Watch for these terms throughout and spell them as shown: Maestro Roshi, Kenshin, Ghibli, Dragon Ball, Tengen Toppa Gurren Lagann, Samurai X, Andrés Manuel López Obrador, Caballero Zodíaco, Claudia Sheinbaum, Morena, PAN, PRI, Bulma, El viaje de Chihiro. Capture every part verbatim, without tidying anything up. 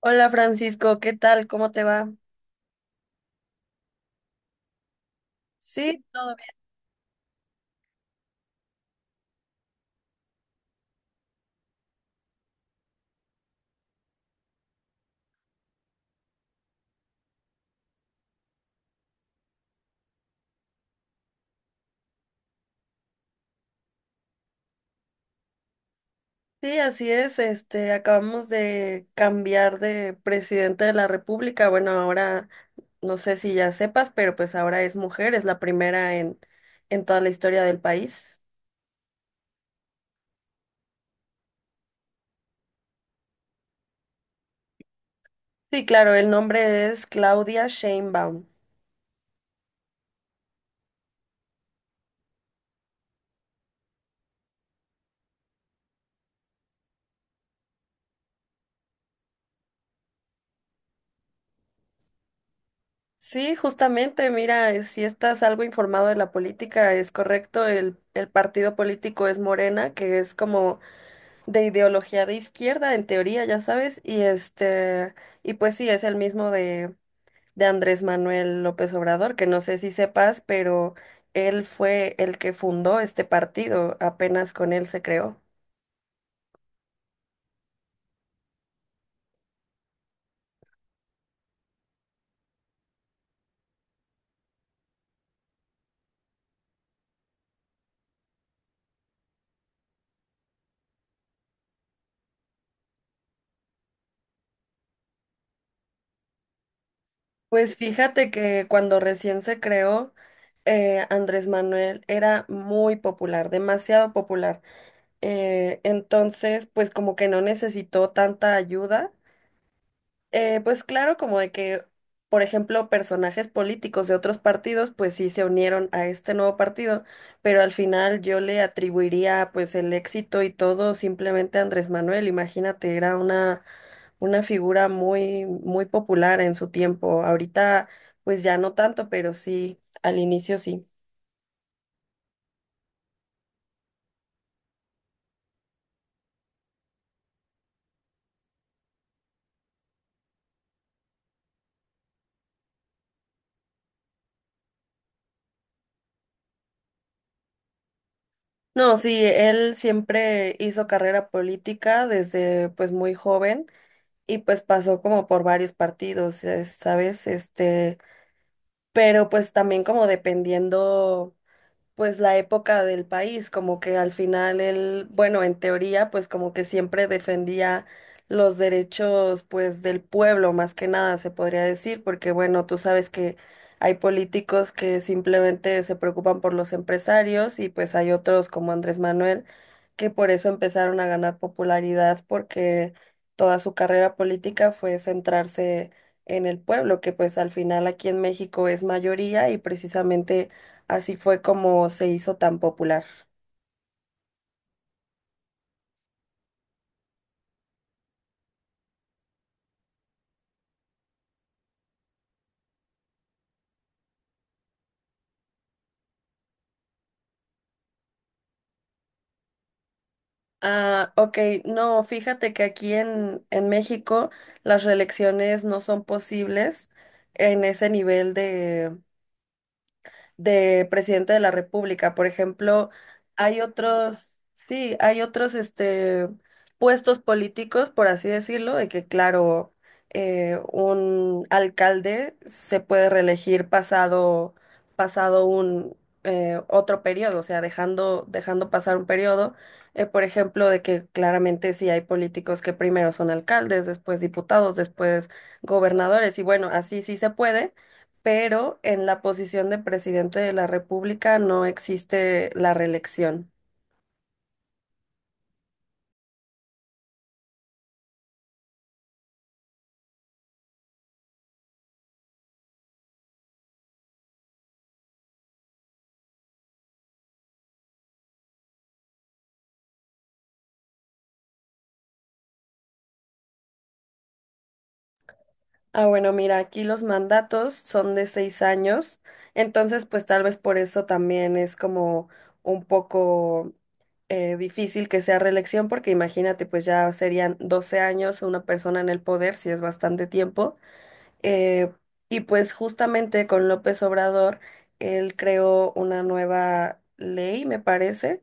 Hola Francisco, ¿qué tal? ¿Cómo te va? Sí, todo bien. Sí, así es. Este, acabamos de cambiar de presidente de la República. Bueno, ahora no sé si ya sepas, pero pues ahora es mujer, es la primera en en toda la historia del país. Sí, claro, el nombre es Claudia Sheinbaum. Sí, justamente, mira, eh, si estás algo informado de la política, es correcto, el, el partido político es Morena, que es como de ideología de izquierda, en teoría, ya sabes, y este, y pues sí, es el mismo de, de Andrés Manuel López Obrador, que no sé si sepas, pero él fue el que fundó este partido, apenas con él se creó. Pues fíjate que cuando recién se creó, eh, Andrés Manuel era muy popular, demasiado popular. Eh, entonces, pues como que no necesitó tanta ayuda. Eh, pues claro, como de que, por ejemplo, personajes políticos de otros partidos, pues sí se unieron a este nuevo partido, pero al final yo le atribuiría pues el éxito y todo simplemente a Andrés Manuel. Imagínate, era una, una figura muy, muy popular en su tiempo. Ahorita pues ya no tanto, pero sí, al inicio sí. No, sí, él siempre hizo carrera política desde pues muy joven y pues pasó como por varios partidos, eh, ¿sabes? Este... pero pues también como dependiendo pues la época del país, como que al final él, bueno, en teoría, pues como que siempre defendía los derechos pues del pueblo, más que nada se podría decir, porque bueno, tú sabes que hay políticos que simplemente se preocupan por los empresarios y pues hay otros como Andrés Manuel que por eso empezaron a ganar popularidad porque toda su carrera política fue centrarse en el pueblo, que pues al final aquí en México es mayoría y precisamente así fue como se hizo tan popular. Ah, ok, no, fíjate que aquí en, en México las reelecciones no son posibles en ese nivel de presidente de la República. Por ejemplo, hay otros, sí, hay otros este, puestos políticos, por así decirlo, de que, claro, eh, un alcalde se puede reelegir pasado, pasado un eh, otro periodo, o sea, dejando, dejando pasar un periodo. Eh, por ejemplo, de que claramente sí hay políticos que primero son alcaldes, después diputados, después gobernadores, y bueno, así sí se puede, pero en la posición de presidente de la República no existe la reelección. Ah, bueno, mira, aquí los mandatos son de seis años, entonces pues tal vez por eso también es como un poco eh, difícil que sea reelección, porque imagínate, pues ya serían doce años una persona en el poder, si es bastante tiempo. Eh, y pues justamente con López Obrador, él creó una nueva ley, me parece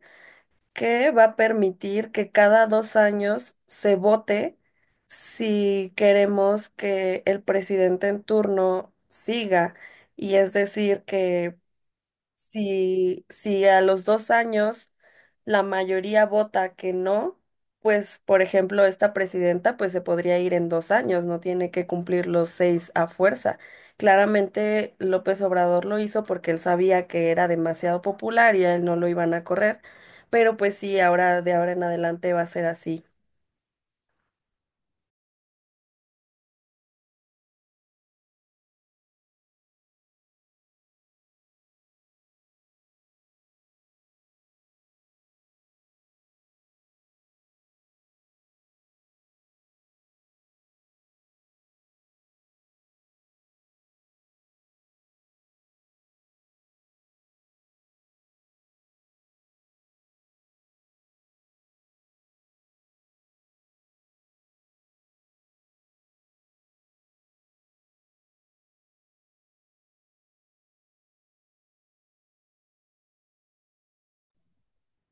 que va a permitir que cada dos años se vote si queremos que el presidente en turno siga. Y es decir, que si, si a los dos años la mayoría vota que no, pues, por ejemplo, esta presidenta, pues se podría ir en dos años, no tiene que cumplir los seis a fuerza. Claramente López Obrador lo hizo porque él sabía que era demasiado popular y a él no lo iban a correr, pero pues sí, ahora de ahora en adelante va a ser así.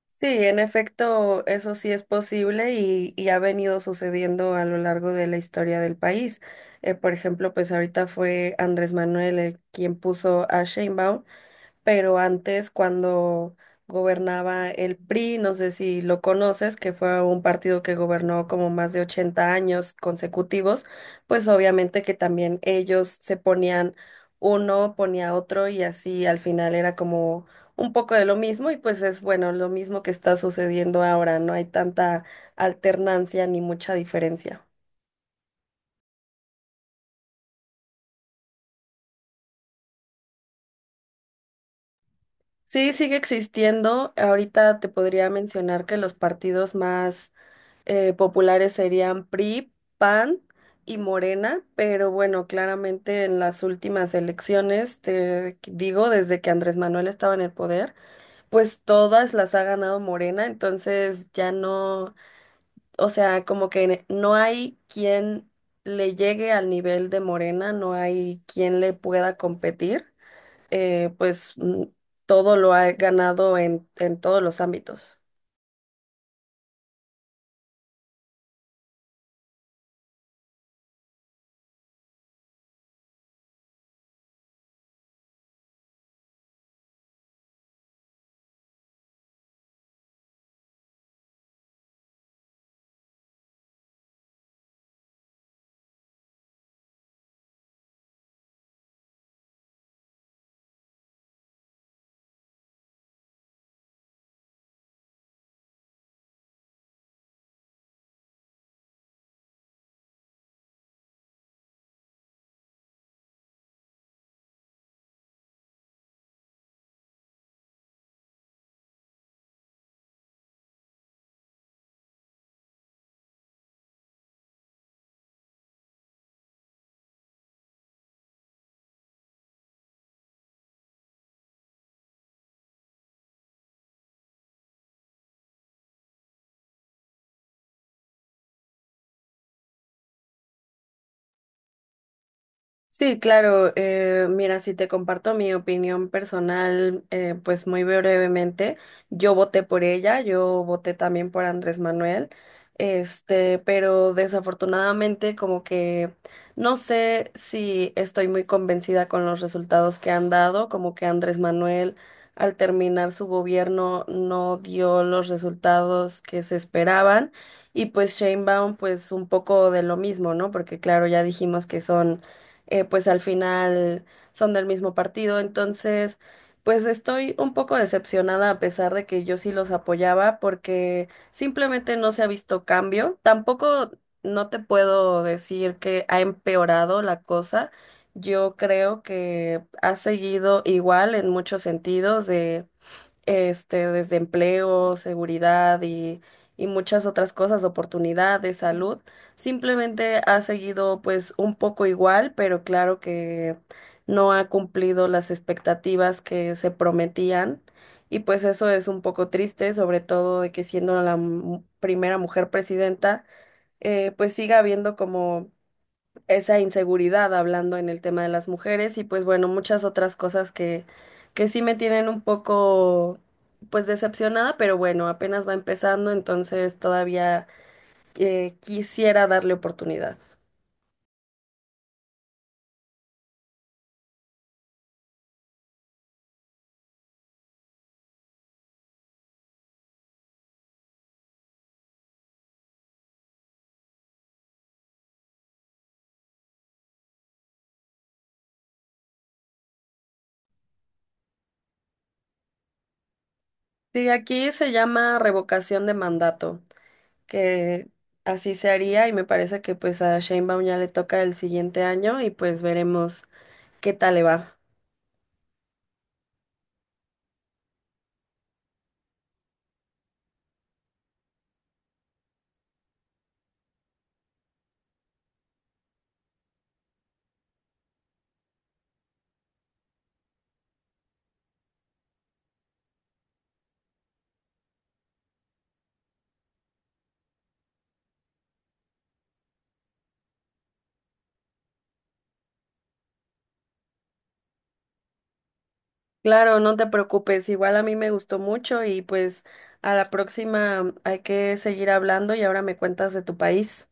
Sí, en efecto, eso sí es posible y, y ha venido sucediendo a lo largo de la historia del país. Eh, por ejemplo, pues ahorita fue Andrés Manuel el quien puso a Sheinbaum, pero antes cuando gobernaba el P R I, no sé si lo conoces, que fue un partido que gobernó como más de ochenta años consecutivos, pues obviamente que también ellos se ponían uno, ponía otro y así al final era como un poco de lo mismo y pues es bueno, lo mismo que está sucediendo ahora, no hay tanta alternancia ni mucha diferencia. Sí, sigue existiendo. Ahorita te podría mencionar que los partidos más eh, populares serían P R I, PAN y Morena, pero bueno, claramente en las últimas elecciones, te digo, desde que Andrés Manuel estaba en el poder, pues todas las ha ganado Morena, entonces ya no, o sea, como que no hay quien le llegue al nivel de Morena, no hay quien le pueda competir, eh, pues mm, todo lo ha ganado en, en todos los ámbitos. Sí, claro. Eh, mira, si te comparto mi opinión personal, eh, pues muy brevemente, yo voté por ella, yo voté también por Andrés Manuel, este, pero desafortunadamente como que no sé si estoy muy convencida con los resultados que han dado, como que Andrés Manuel al terminar su gobierno no dio los resultados que se esperaban y pues Sheinbaum pues un poco de lo mismo, ¿no? Porque claro, ya dijimos que son eh, pues al final son del mismo partido. Entonces, pues estoy un poco decepcionada a pesar de que yo sí los apoyaba porque simplemente no se ha visto cambio. Tampoco no te puedo decir que ha empeorado la cosa. Yo creo que ha seguido igual en muchos sentidos de este, desde empleo, seguridad y, y muchas otras cosas, oportunidades, salud. Simplemente ha seguido pues un poco igual, pero claro que no ha cumplido las expectativas que se prometían. Y pues eso es un poco triste, sobre todo de que siendo la mu- primera mujer presidenta, eh, pues siga habiendo como esa inseguridad hablando en el tema de las mujeres y pues bueno, muchas otras cosas que, que sí me tienen un poco pues decepcionada, pero bueno, apenas va empezando, entonces todavía eh, quisiera darle oportunidad. Sí, aquí se llama revocación de mandato, que así se haría y me parece que pues a Sheinbaum ya le toca el siguiente año y pues veremos qué tal le va. Claro, no te preocupes, igual a mí me gustó mucho y pues a la próxima hay que seguir hablando y ahora me cuentas de tu país.